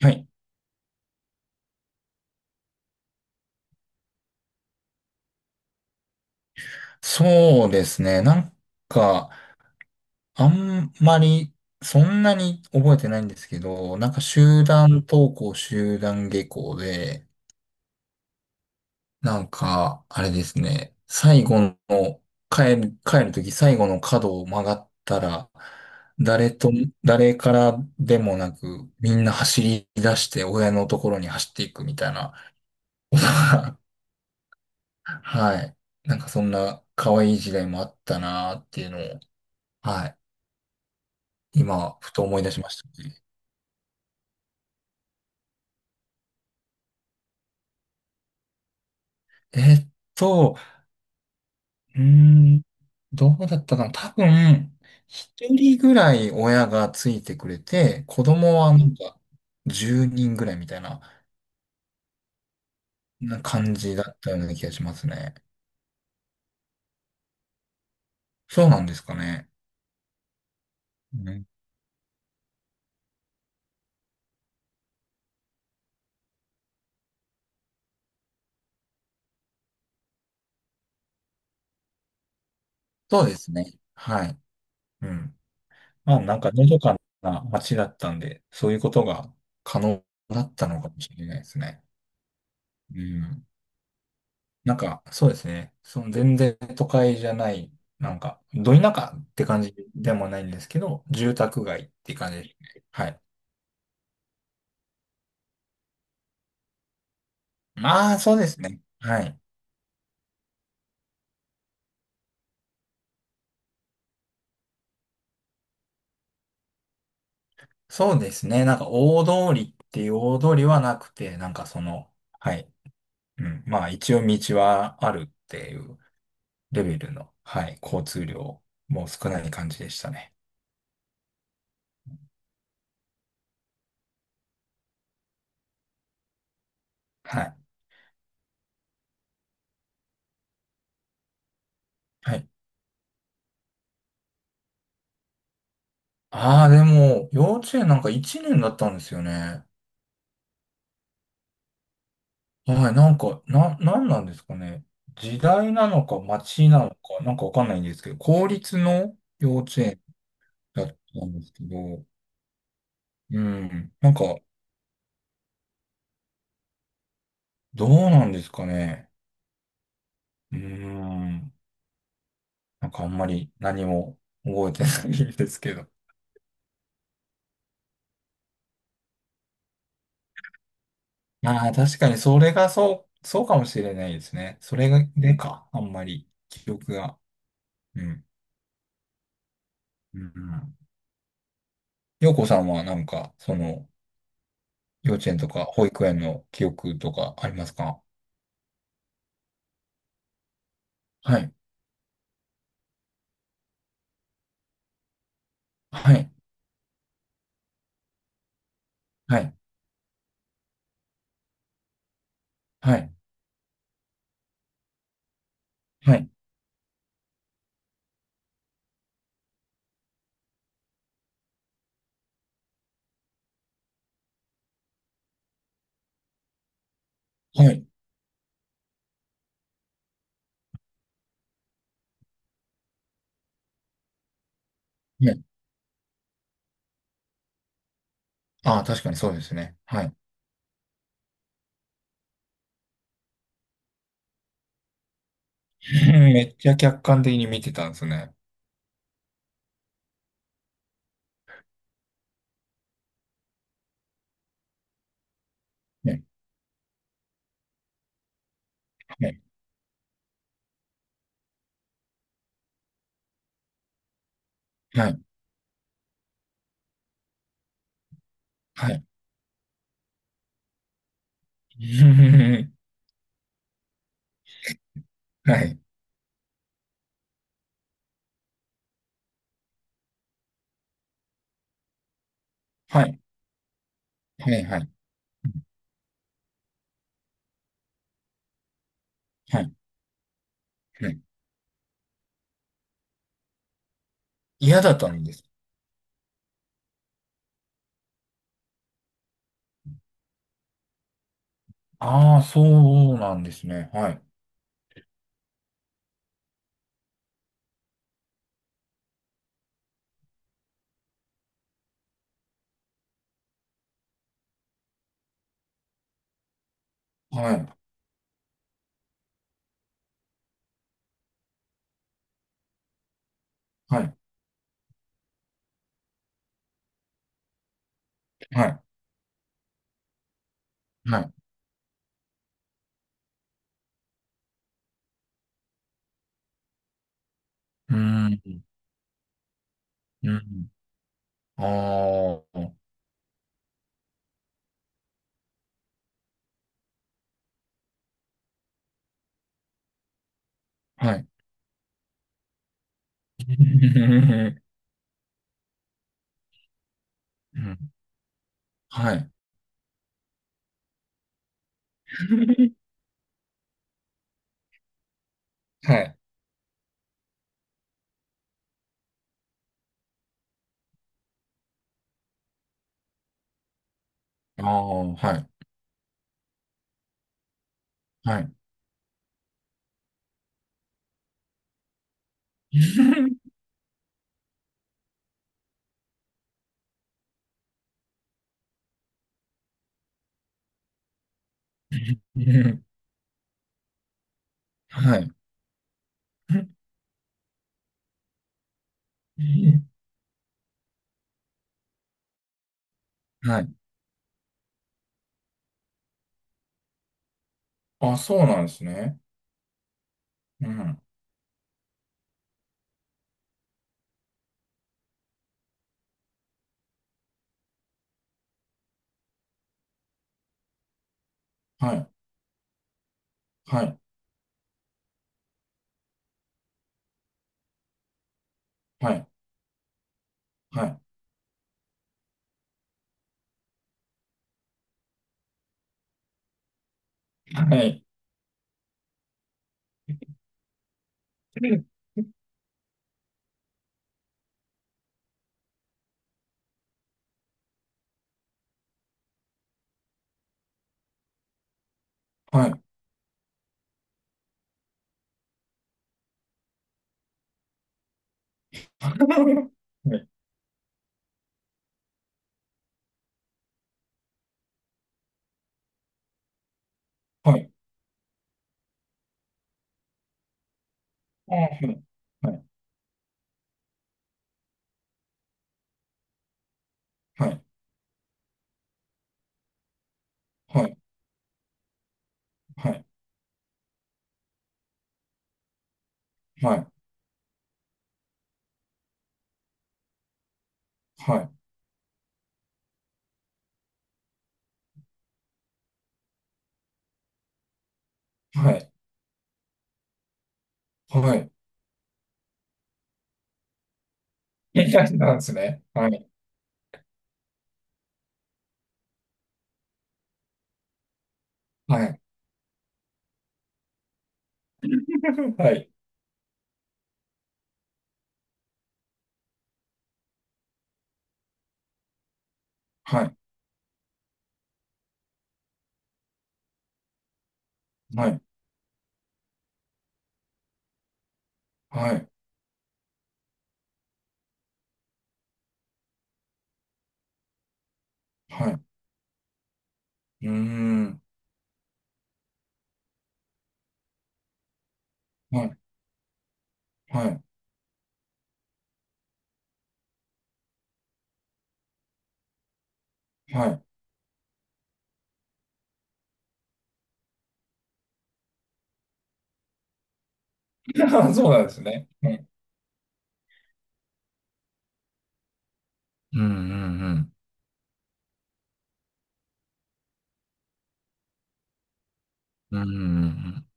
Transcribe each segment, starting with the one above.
はい。そうですね。なんか、あんまり、そんなに覚えてないんですけど、なんか集団登校、集団下校で、なんか、あれですね。最後の、帰るとき最後の角を曲がったら、誰と、誰からでもなく、みんな走り出して親のところに走っていくみたいなことが、はい。なんかそんな可愛い時代もあったなーっていうのを、はい。今、ふと思い出しましたね。えーっと、うーん、どうだったかな。多分、一人ぐらい親がついてくれて、子供はなんか、10人ぐらいみたいな、な感じだったような気がしますね。そうなんですかね。うん、そうですね。はい。うん。まあ、なんか、のどかな街だったんで、そういうことが可能だったのかもしれないですね。うん。なんか、そうですね。その全然都会じゃない、なんか、ど田舎って感じでもないんですけど、住宅街って感じですね。はい。まあ、そうですね。はい。そうですね。なんか、大通りっていう大通りはなくて、なんかその、はい。うん。まあ、一応道はあるっていうレベルの、はい。交通量も少ない感じでしたね。はい。はい。ああ、でも、幼稚園なんか1年だったんですよね。はい、なんか、なんなんですかね。時代なのか街なのか、なんかわかんないんですけど、公立の幼稚園だったんですけど、うん、なんか、どうなんですかね。うん、なんかあんまり何も覚えてないんですけど。ああ、確かにそれがそう、そうかもしれないですね。それがでか、あんまり記憶が。うん、うん。洋子さんはなんか、その、幼稚園とか保育園の記憶とかありますか？はいはい。はい。はい。はい。はい。はい。ああ、確かにそうですね。はい。めっちゃ客観的に見てたんですね。はい。はい。はい。はい。はい。はい。はい。はい。はい。はい嫌だったんです。ああ、そうなんですね。はい。はい。はい。はい。はい。うーん。うん。ああ、はい。うんはい。はい。ああ、はい。はい。はい。はい。あ、そうなんですね。うん。はい。はい。はい。はい。はい。はい。はい。はい。あはいはいはいはいはいはいはいはいはい。いい感じなんですね。はい。はい。はい。はい。はい。はい。はい。うーん。はい。はい。はい。あそうなんですね。うん。うんうんうん。うんうんうん。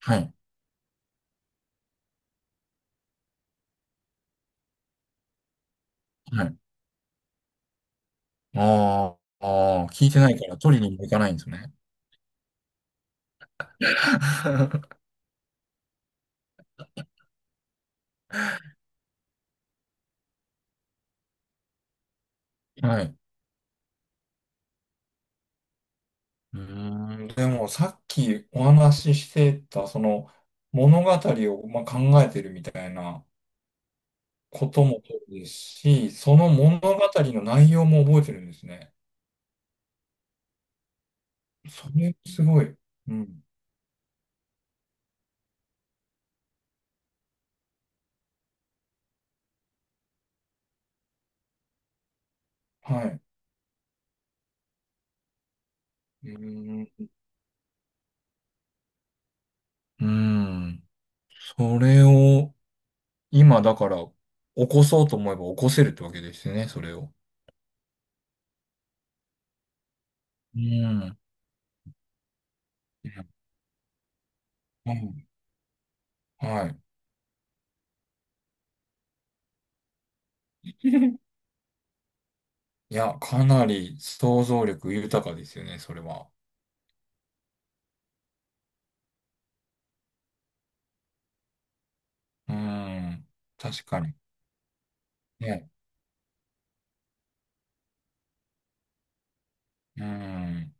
はい。はい。あーあー、聞いてないから取りにも行かないんですね。はい。うーん、でもさっきお話ししてた、その物語を、まあ、考えてるみたいなこともそうですし、その物語の内容も覚えてるんですね。それすごい。うん。はい。うーん。うーん。それを今だから起こそうと思えば起こせるってわけですね、それを。うん。うんはい。いや、かなり想像力豊かですよね、それは。うーん。確かに。ね。うーん。